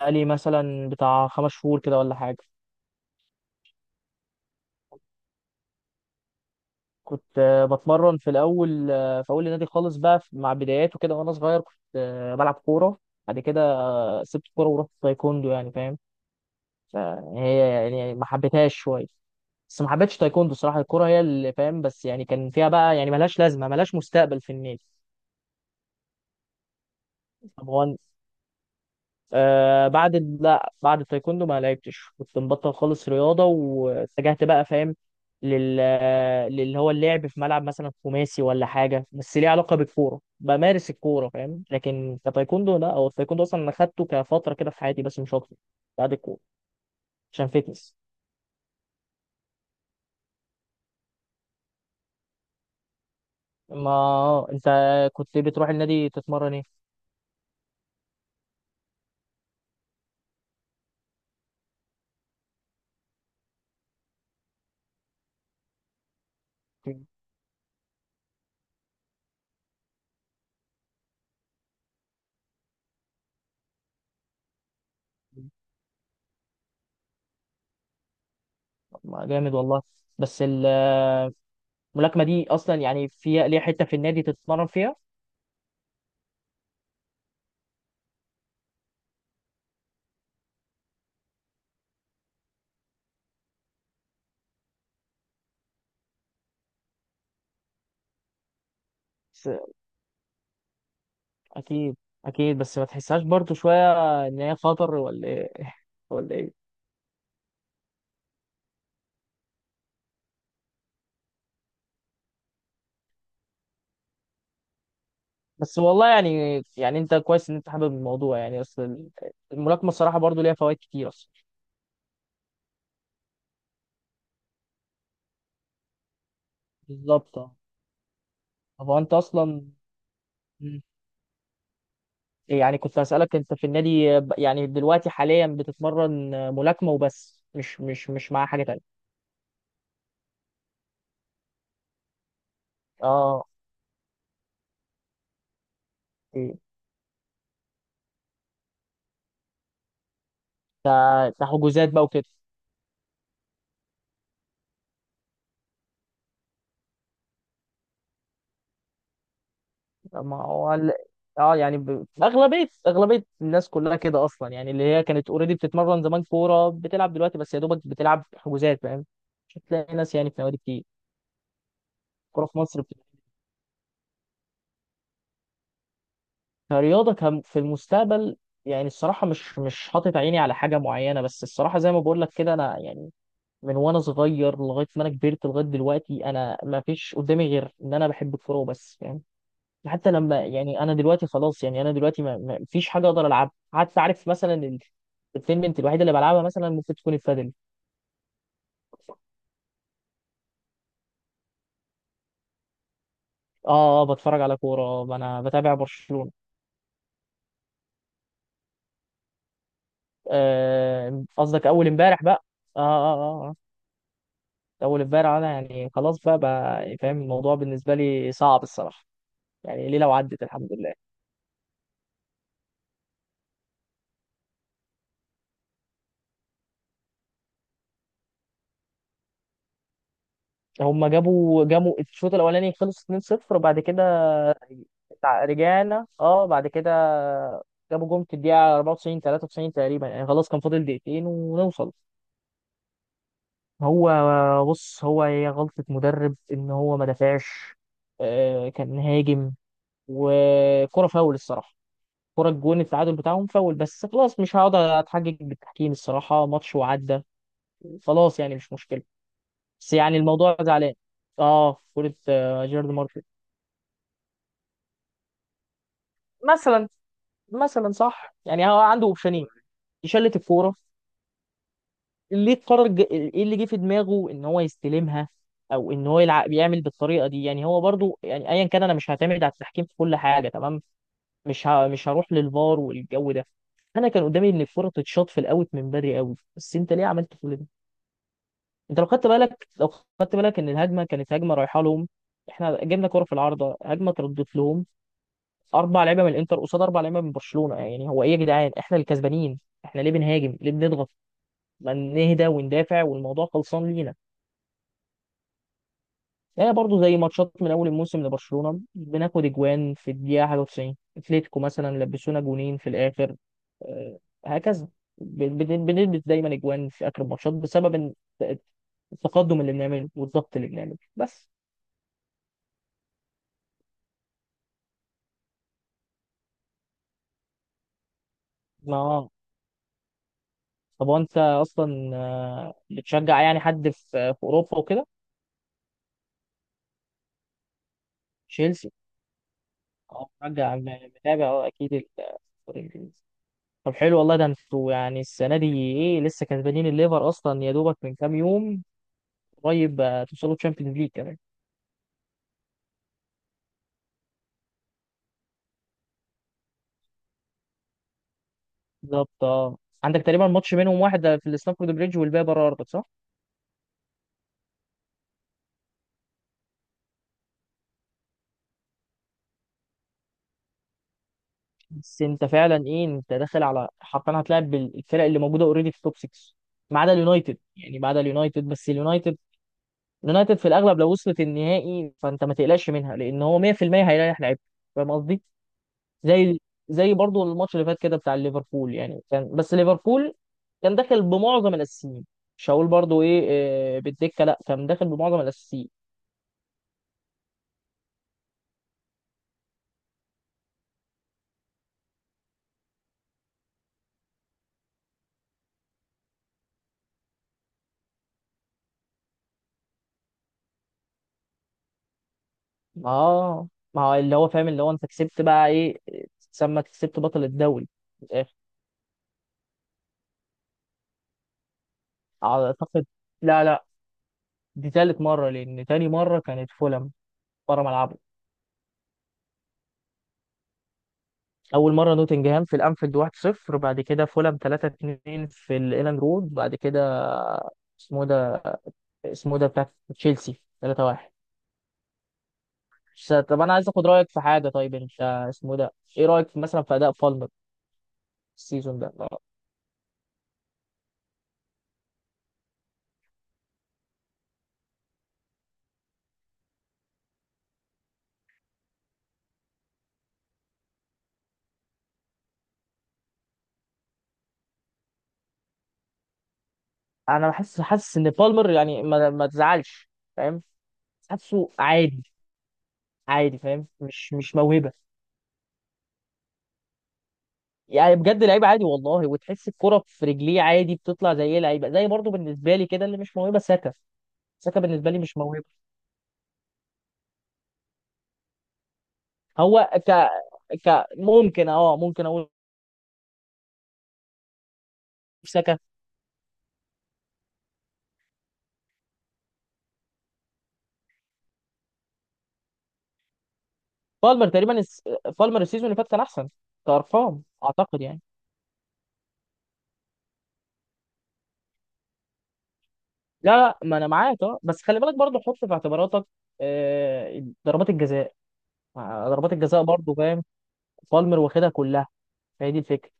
بقالي مثلا بتاع خمس شهور كده ولا حاجة. كنت بتمرن في الأول، في أول النادي خالص بقى مع بداياته كده وأنا صغير. كنت بلعب كورة بعد كده. سبت الكورة ورحت تايكوندو، يعني فاهم؟ فهي يعني ما حبيتهاش شوية، بس ما حبيتش تايكوندو الصراحة. الكورة هي اللي فاهم، بس يعني كان فيها بقى يعني ملهاش لازمة، ملهاش مستقبل في النادي. طب هو آه بعد لا، بعد التايكوندو ما لعبتش، كنت مبطل خالص رياضة، واتجهت بقى فاهم لل للي هو اللعب في ملعب مثلا خماسي ولا حاجة، بس ليه علاقة بالكورة، بمارس الكورة فاهم. لكن كتايكوندو لا، هو التايكوندو أصلا أنا خدته كفترة كده في حياتي بس مش أكتر، بعد الكورة، عشان فيتنس. ما أنت كنت بتروح النادي تتمرن إيه؟ ما جامد والله. بس الملاكمة دي أصلا يعني فيها ليها حتة في النادي تتمرن فيها؟ اكيد، اكيد. بس ما تحسهاش برضو شويه ان هي خطر ولا ايه؟ ولا ايه؟ بس والله يعني، يعني انت كويس ان انت حابب الموضوع، يعني اصل الملاكمه الصراحه برضو ليها فوائد كتير اصلا. بالظبط، اه. طب هو انت اصلا مم. يعني كنت هسألك، انت في النادي يعني دلوقتي حاليا بتتمرن ملاكمه وبس، مش مع حاجه تانية؟ اه. إيه. ده ده حجوزات بقى وكده. ما هو اه يعني اغلبيه الناس كلها كده اصلا، يعني اللي هي كانت اوريدي بتتمرن زمان كوره، بتلعب دلوقتي بس يا دوبك بتلعب حجوزات فاهم. مش هتلاقي ناس يعني في نوادي كتير. الكوره في مصر كرياضه في المستقبل يعني الصراحه مش، مش حاطط عيني على حاجه معينه. بس الصراحه زي ما بقول لك كده، انا يعني من وانا صغير لغايه ما انا كبرت لغايه دلوقتي انا ما فيش قدامي غير ان انا بحب الكوره وبس يعني. حتى لما يعني انا دلوقتي خلاص، يعني انا دلوقتي ما فيش حاجه اقدر العبها حتى، عارف مثلا التنمنت الوحيده اللي بلعبها مثلا ممكن تكون البادل. اه، اه، بتفرج على كوره، انا بتابع برشلونه. قصدك اول امبارح بقى. اه اه اه آه. آه. اول امبارح انا يعني خلاص بقى، بقى فاهم الموضوع بالنسبه لي صعب الصراحه. يعني ليه، لو عدت الحمد لله. هم جابوا الشوط الاولاني خلص 2-0، وبعد كده رجعنا اه بعد كده جابوا جون في الدقيقة 94، 93 تقريبا، يعني خلاص كان فاضل دقيقتين ونوصل. هو بص، هو هي غلطة مدرب ان هو ما دافعش، كان هاجم. وكرة فاول الصراحة، كرة الجون التعادل بتاعهم فاول، بس خلاص مش هقعد اتحجج بالتحكيم الصراحة، ماتش وعدى خلاص، يعني مش مشكلة. بس يعني الموضوع زعلان. اه كرة، جيرارد مارتن مثلا. مثلا صح، يعني هو عنده اوبشنين، يشلت الكوره. ليه قرر ايه اللي جه في دماغه ان هو يستلمها او ان هو يلعب، يعمل بالطريقه دي؟ يعني هو برضو، يعني ايا كان انا مش هعتمد على التحكيم في كل حاجه تمام. مش هروح للفار والجو ده. انا كان قدامي ان الكوره تتشاط في الاوت من بدري قوي، بس انت ليه عملت كل ده؟ انت لو خدت بالك، لو خدت بالك ان الهجمه كانت هجمه رايحه لهم. احنا جبنا كوره في العارضه، هجمه تردت لهم، اربع لعيبه من الانتر قصاد اربع لعيبه من برشلونه، يعني هو ايه يا جدعان احنا الكسبانين، احنا ليه بنهاجم؟ ليه بنضغط؟ ما نهدى وندافع والموضوع خلصان لينا. هي برضه زي ماتشات من اول الموسم لبرشلونه بناخد اجوان في الدقيقه حاجه 90، اتلتيكو مثلا لبسونا جونين في الاخر، آه، هكذا. بنلبس دايما اجوان في اخر الماتشات بسبب إن- التقدم اللي بنعمله والضغط اللي بنعمله بس. ما طب وانت اصلا بتشجع يعني حد في في اوروبا وكده؟ تشيلسي. اه مرجع متابع اه اكيد الدوري الانجليزي. طب حلو والله، ده انتوا يعني السنه دي ايه، لسه كسبانين الليفر اصلا يا دوبك من كام يوم قريب، توصلوا تشامبيونز ليج كمان. بالظبط، اه. عندك تقريبا ماتش منهم واحد في الاستانفورد بريدج والباقي بره ارضك، صح؟ بس انت فعلا ايه، انت داخل على حرفيا هتلاعب بالفرق اللي موجوده اوريدي في التوب 6، ما عدا اليونايتد يعني، ما عدا اليونايتد. بس اليونايتد، اليونايتد في الاغلب لو وصلت النهائي فانت ما تقلقش منها، لان هو 100% هيريح لعيبته، فاهم قصدي؟ زي، زي برضو الماتش اللي فات كده بتاع ليفربول. يعني كان بس ليفربول كان داخل بمعظم الاساسيين، مش هقول برضو ايه بالدكه، لا كان داخل بمعظم الاساسيين. اه. ما هو اللي هو فاهم، اللي هو انت كسبت بقى ايه؟ تسمى كسبت بطل الدوري في الاخر. اعتقد لا، لا، دي تالت مره، لان تاني مره كانت فولهام بره ملعبه. اول مره نوتنجهام في الانفيلد 1-0، بعد كده فولهام 3-2 في الايلاند رود، بعد كده اسمه ده، اسمه ده بتاع تشيلسي 3-1. طب انا عايز اخد رايك في حاجه، طيب انت اسمه ده ايه رايك في مثلا في اداء بالمر السيزون ده؟ انا بحس، حاسس ان بالمر يعني ما تزعلش فاهم، حاسه عادي، عادي فاهم، مش، مش موهبه، يعني بجد لعيب عادي والله، وتحس الكرة في رجليه عادي بتطلع زي ايه لعيبه، زي برضه بالنسبه لي كده اللي مش موهبه ساكا. ساكا بالنسبه لي مش موهبه. هو ك، ك ممكن اه ممكن اقول ساكا. بالمر تقريبا بالمر السيزون اللي فات كان احسن كارقام اعتقد يعني. لا لا ما انا معاك، اه بس خلي بالك برضه حط في اعتباراتك ضربات الجزاء، ضربات الجزاء برضه فاهم. بالمر واخدها كلها، فهي دي الفكره.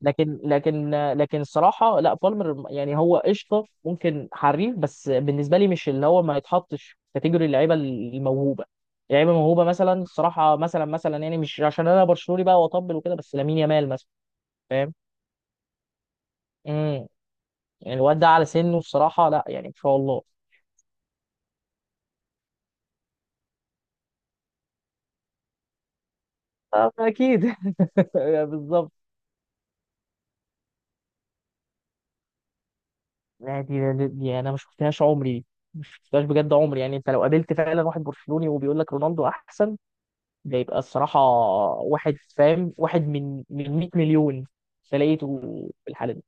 لكن لكن الصراحه لا، بالمر يعني هو قشطه، ممكن حريف، بس بالنسبه لي مش اللي هو، ما يتحطش في كاتيجوري اللعيبه الموهوبه. لعيبه موهوبه مثلا الصراحه، مثلا، مثلا يعني مش عشان انا برشلوني بقى واطبل وكده، بس لامين يامال مثلا. فاهم؟ امم، يعني الواد ده على سنه الصراحه لا، يعني ما شاء الله. اكيد بالظبط. لا دي، دي، دي انا ما شفتهاش عمري دي، ما شفتهاش بجد عمري. يعني انت لو قابلت فعلا واحد برشلوني وبيقول لك رونالدو احسن، ده يبقى الصراحه واحد فاهم، واحد من 100 مليون ده لقيته في الحاله دي.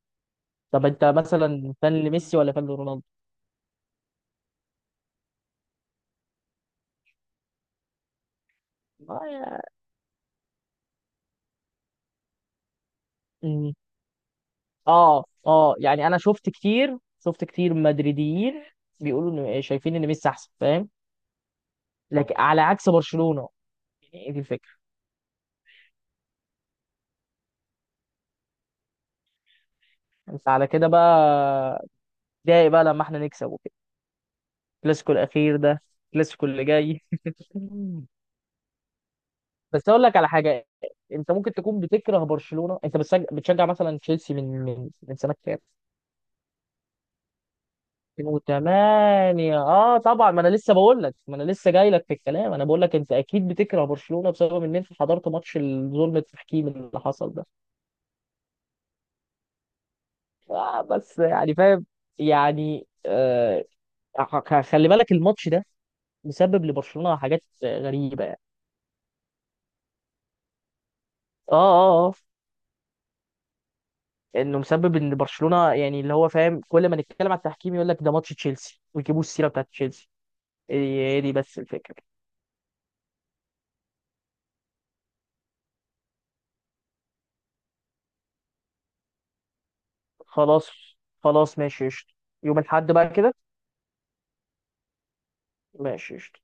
طب انت مثلا فان لميسي ولا فان لرونالدو؟ اه يا- مم. اه، اه يعني انا شفت كتير، شفت كتير مدريديين بيقولوا ان شايفين ان ميسي احسن، فاهم؟ لكن على عكس برشلونه، يعني ايه دي الفكره. انت على كده بقى اتضايق بقى لما احنا نكسب الكلاسيكو الاخير ده، الكلاسيكو اللي جاي بس اقول لك على حاجه، انت ممكن تكون بتكره برشلونه، انت بتشجع مثلا تشيلسي من من سنه كام؟ 2008. اه طبعا، ما انا لسه بقول لك، ما انا لسه جاي لك في الكلام، انا بقول لك انت اكيد بتكره برشلونه بسبب ان انت حضرت ماتش ظلم التحكيم اللي حصل ده. آه بس يعني فاهم، يعني آه، خلي بالك الماتش ده مسبب لبرشلونه حاجات غريبه يعني. اه اه اه. انه مسبب ان برشلونه يعني اللي هو فاهم، كل ما نتكلم على التحكيم يقول لك ده ماتش تشيلسي ويجيبوا السيره بتاعت تشيلسي. هي هي دي بس الفكره. خلاص، خلاص ماشي قشطه. يوم الاحد بقى كده. ماشي قشطه.